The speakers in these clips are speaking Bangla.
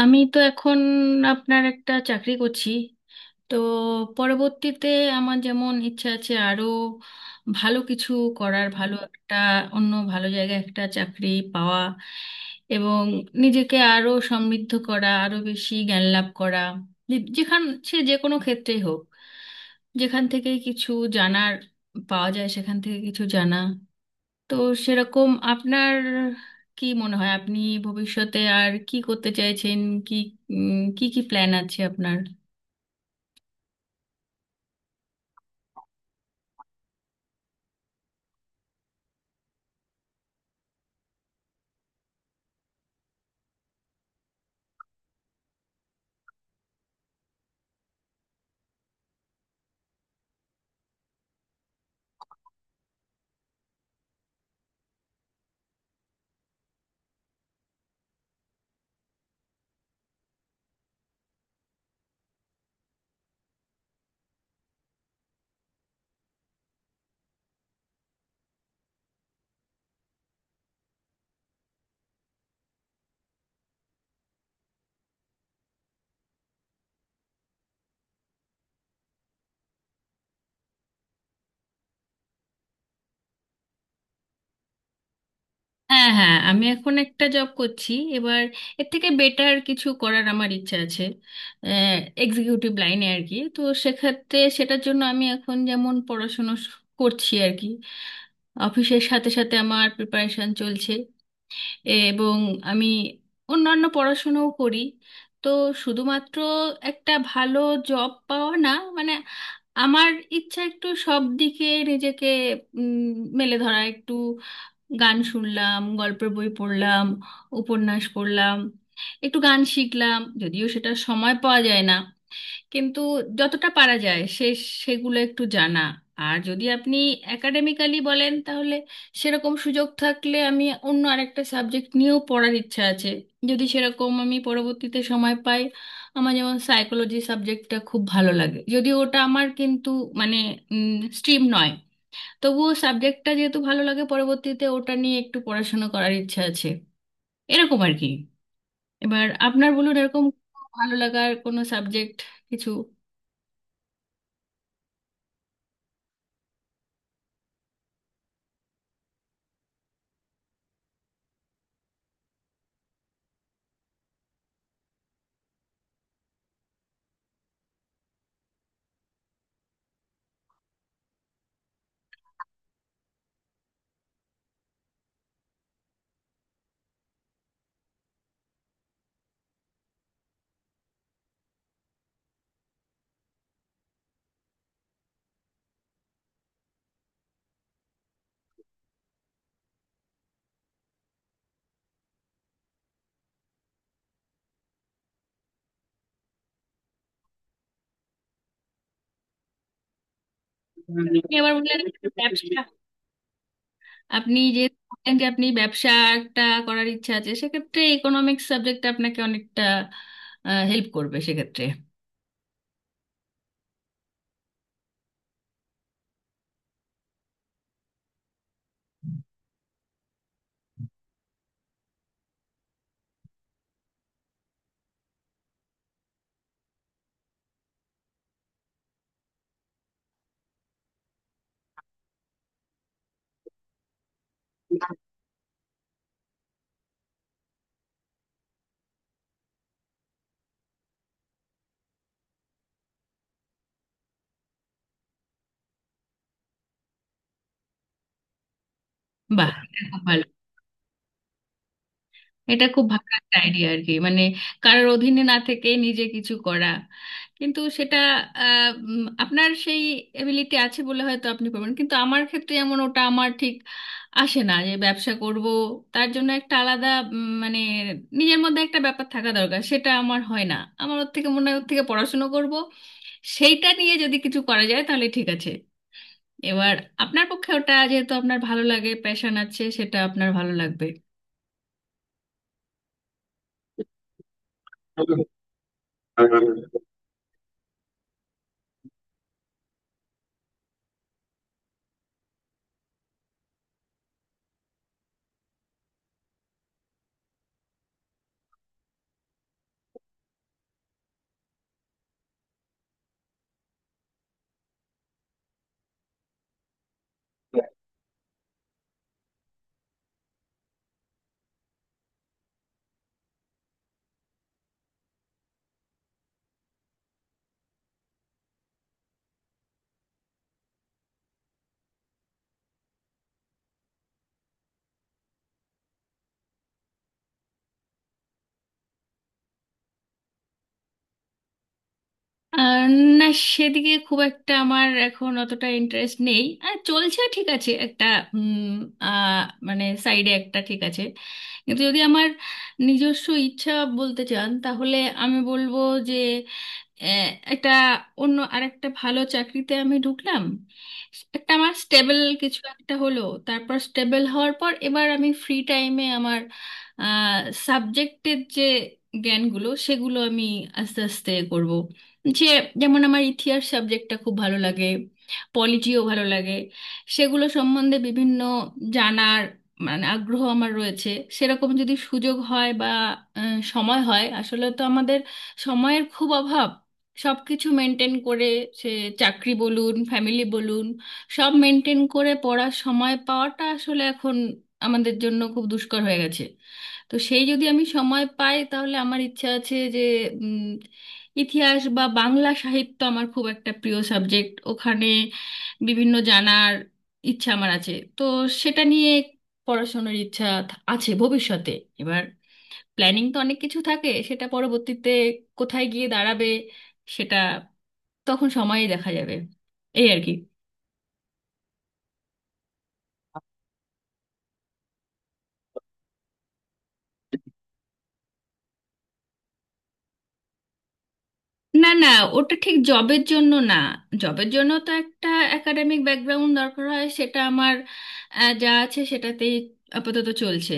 আমি তো এখন আপনার একটা চাকরি করছি। তো পরবর্তীতে আমার যেমন ইচ্ছা আছে আরো ভালো কিছু করার, ভালো একটা অন্য ভালো জায়গায় একটা চাকরি পাওয়া এবং নিজেকে আরো সমৃদ্ধ করা, আরো বেশি জ্ঞান লাভ করা। যেখান সে যে কোনো ক্ষেত্রেই হোক, যেখান থেকে কিছু জানার পাওয়া যায় সেখান থেকে কিছু জানা। তো সেরকম আপনার কি মনে হয়, আপনি ভবিষ্যতে আর কি করতে চাইছেন? কি কি কি প্ল্যান আছে আপনার? হ্যাঁ, হ্যাঁ, আমি এখন একটা জব করছি। এবার এর থেকে বেটার কিছু করার আমার ইচ্ছা আছে, এক্সিকিউটিভ লাইনে আর কি। তো সেক্ষেত্রে সেটার জন্য আমি এখন যেমন পড়াশুনো করছি আর কি, অফিসের সাথে সাথে আমার প্রিপারেশন চলছে। এবং আমি অন্যান্য পড়াশোনাও করি। তো শুধুমাত্র একটা ভালো জব পাওয়া না, মানে আমার ইচ্ছা একটু সব দিকে নিজেকে উম, মেলে ধরা। একটু গান শুনলাম, গল্পের বই পড়লাম, উপন্যাস পড়লাম, একটু গান শিখলাম, যদিও সেটা সময় পাওয়া যায় না, কিন্তু যতটা পারা যায় সে সেগুলো একটু জানা। আর যদি আপনি একাডেমিক্যালি বলেন, তাহলে সেরকম সুযোগ থাকলে আমি অন্য আরেকটা সাবজেক্ট নিয়েও পড়ার ইচ্ছা আছে, যদি সেরকম আমি পরবর্তীতে সময় পাই। আমার যেমন সাইকোলজি সাবজেক্টটা খুব ভালো লাগে, যদিও ওটা আমার কিন্তু মানে স্ট্রিম নয়, তবুও সাবজেক্টটা যেহেতু ভালো লাগে, পরবর্তীতে ওটা নিয়ে একটু পড়াশোনা করার ইচ্ছা আছে। এরকম আর কি। এবার আপনার বলুন, এরকম ভালো লাগার কোনো সাবজেক্ট কিছু। হুম, আপনি আবার বললেন ব্যবসা, আপনি যে বললেন যে আপনি ব্যবসা একটা করার ইচ্ছা আছে, সেক্ষেত্রে ইকোনমিক্স সাবজেক্টটা আপনাকে অনেকটা হেল্প করবে সেক্ষেত্রে। বাহ, এটা খুব ভালো, এটা খুব ভালো একটা আইডিয়া আর কি। মানে কারোর অধীনে না থেকে নিজে কিছু করা। কিন্তু সেটা আপনার সেই এবিলিটি আছে বলে হয়তো আপনি পারবেন, কিন্তু আমার ক্ষেত্রে এমন ওটা আমার ঠিক আসে না যে ব্যবসা করব। তার জন্য একটা আলাদা মানে নিজের মধ্যে একটা ব্যাপার থাকা দরকার, সেটা আমার হয় না। আমার ওর থেকে মনে হয় ওর থেকে পড়াশুনো করব, সেইটা নিয়ে যদি কিছু করা যায় তাহলে ঠিক আছে। এবার আপনার পক্ষে ওটা যেহেতু আপনার ভালো লাগে, প্যাশন আছে, সেটা আপনার ভালো লাগবে। আর না, সেদিকে খুব একটা আমার এখন অতটা ইন্টারেস্ট নেই। আর চলছে, ঠিক আছে একটা উম, আহ, মানে সাইডে একটা ঠিক আছে। কিন্তু যদি আমার নিজস্ব ইচ্ছা বলতে চান, তাহলে আমি বলবো যে আহ, একটা অন্য আরেকটা ভালো চাকরিতে আমি ঢুকলাম, একটা আমার স্টেবল কিছু একটা হলো, তারপর স্টেবল হওয়ার পর এবার আমি ফ্রি টাইমে আমার সাবজেক্টের যে জ্ঞানগুলো সেগুলো আমি আস্তে আস্তে করব। যে যেমন আমার ইতিহাস সাবজেক্টটা খুব ভালো লাগে, পলিটিও ভালো লাগে, সেগুলো সম্বন্ধে বিভিন্ন জানার মানে আগ্রহ আমার রয়েছে। সেরকম যদি সুযোগ হয় বা সময় হয়। আসলে তো আমাদের সময়ের খুব অভাব, সবকিছু মেনটেন করে সে চাকরি বলুন, ফ্যামিলি বলুন, সব মেনটেন করে পড়ার সময় পাওয়াটা আসলে এখন আমাদের জন্য খুব দুষ্কর হয়ে গেছে। তো সেই যদি আমি সময় পাই, তাহলে আমার ইচ্ছা আছে যে উম, ইতিহাস বা বাংলা সাহিত্য আমার খুব একটা প্রিয় সাবজেক্ট, ওখানে বিভিন্ন জানার ইচ্ছা আমার আছে। তো সেটা নিয়ে পড়াশোনার ইচ্ছা আছে ভবিষ্যতে। এবার প্ল্যানিং তো অনেক কিছু থাকে, সেটা পরবর্তীতে কোথায় গিয়ে দাঁড়াবে সেটা তখন সময়ে দেখা যাবে, এই আর কি। না, না, ওটা ঠিক জবের জন্য না। জবের জন্য তো একটা একাডেমিক ব্যাকগ্রাউন্ড দরকার হয়, সেটা আমার যা আছে সেটাতেই আপাতত চলছে।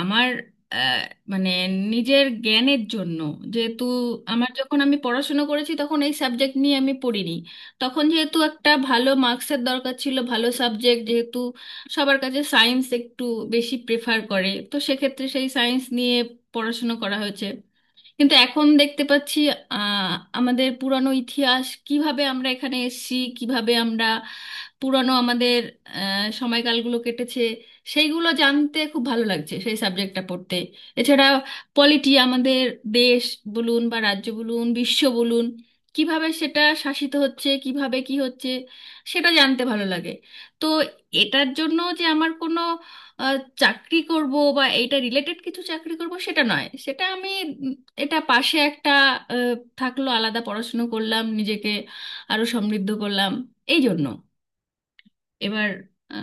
আমার আহ, মানে নিজের জ্ঞানের জন্য, যেহেতু আমার যখন আমি পড়াশুনো করেছি তখন এই সাবজেক্ট নিয়ে আমি পড়িনি, তখন যেহেতু একটা ভালো মার্কসের দরকার ছিল, ভালো সাবজেক্ট যেহেতু সবার কাছে সায়েন্স একটু বেশি প্রেফার করে, তো সেক্ষেত্রে সেই সায়েন্স নিয়ে পড়াশুনো করা হয়েছে। কিন্তু এখন দেখতে পাচ্ছি আহ আমাদের পুরানো ইতিহাস কিভাবে আমরা এখানে এসেছি, কিভাবে আমরা পুরানো আমাদের সময়কালগুলো কেটেছে, সেইগুলো জানতে খুব ভালো লাগছে, সেই সাবজেক্টটা পড়তে। এছাড়া পলিটি আমাদের দেশ বলুন বা রাজ্য বলুন, বিশ্ব বলুন, কিভাবে সেটা শাসিত হচ্ছে, কিভাবে কি হচ্ছে, সেটা জানতে ভালো লাগে। তো এটার জন্য যে আমার কোনো আহ, চাকরি করব বা এইটা রিলেটেড কিছু চাকরি করব সেটা নয়। সেটা আমি এটা পাশে একটা আহ, থাকলো, আলাদা পড়াশুনো করলাম, নিজেকে আরো সমৃদ্ধ করলাম, এই জন্য। এবার আহ,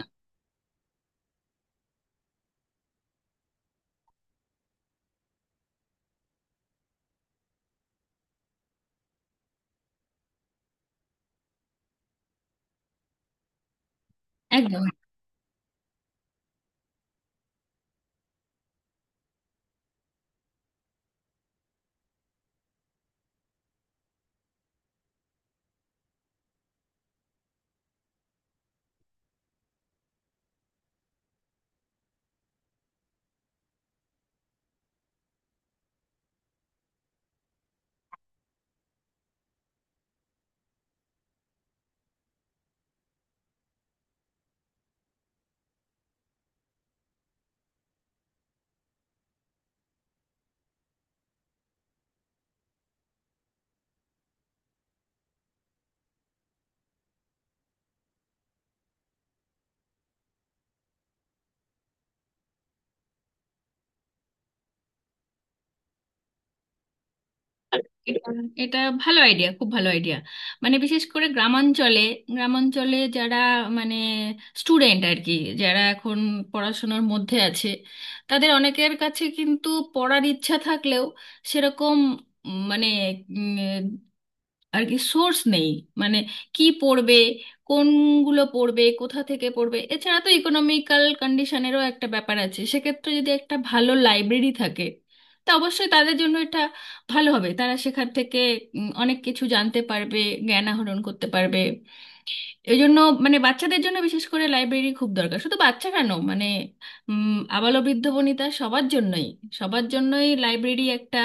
একদম। এটা এটা ভালো আইডিয়া, খুব ভালো আইডিয়া। মানে বিশেষ করে গ্রামাঞ্চলে, গ্রামাঞ্চলে যারা মানে স্টুডেন্ট আর কি, যারা এখন পড়াশোনার মধ্যে আছে, তাদের অনেকের কাছে কিন্তু পড়ার ইচ্ছা থাকলেও সেরকম মানে আর কি সোর্স নেই। মানে কি পড়বে, কোনগুলো পড়বে, কোথা থেকে পড়বে, এছাড়া তো ইকোনমিক্যাল কন্ডিশনেরও একটা ব্যাপার আছে। সেক্ষেত্রে যদি একটা ভালো লাইব্রেরি থাকে, তা অবশ্যই তাদের জন্য এটা ভালো হবে। তারা সেখান থেকে অনেক কিছু জানতে পারবে, জ্ঞান আহরণ করতে পারবে, এই জন্য। মানে বাচ্চাদের জন্য বিশেষ করে লাইব্রেরি খুব দরকার। শুধু বাচ্চা কেন, মানে আবালো বৃদ্ধ বনিতা সবার জন্যই, সবার জন্যই লাইব্রেরি একটা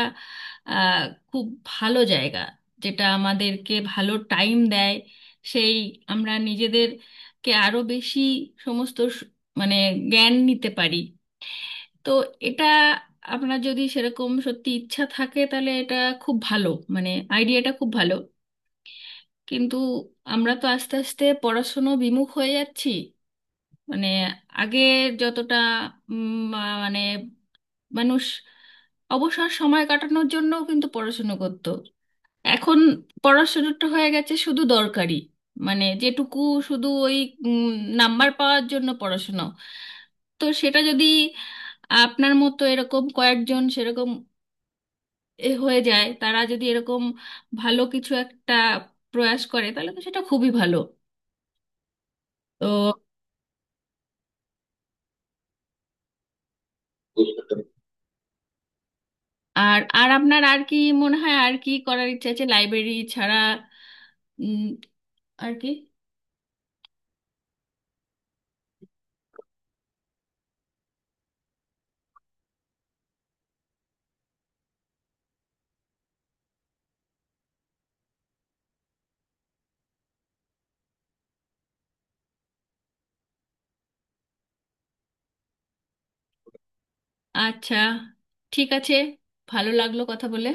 আহ, খুব ভালো জায়গা, যেটা আমাদেরকে ভালো টাইম দেয়। সেই আমরা নিজেদেরকে আরো বেশি সমস্ত মানে জ্ঞান নিতে পারি। তো এটা আপনার যদি সেরকম সত্যি ইচ্ছা থাকে, তাহলে এটা খুব ভালো, মানে আইডিয়াটা খুব ভালো। কিন্তু আমরা তো আস্তে আস্তে পড়াশুনো বিমুখ হয়ে যাচ্ছি। মানে আগে যতটা মানে মানুষ অবসর সময় কাটানোর জন্যও কিন্তু পড়াশুনো করত, এখন পড়াশুনোটা হয়ে গেছে শুধু দরকারি, মানে যেটুকু শুধু ওই উম, নাম্বার পাওয়ার জন্য পড়াশুনো। তো সেটা যদি আপনার মতো এরকম কয়েকজন সেরকম এ হয়ে যায়, তারা যদি এরকম ভালো কিছু একটা প্রয়াস করে, তাহলে তো সেটা খুবই ভালো। তো আর, আর আপনার আর কি মনে হয় আর কি করার ইচ্ছা আছে লাইব্রেরি ছাড়া? উম, আর কি? আচ্ছা, ঠিক আছে, ভালো লাগলো কথা বলে।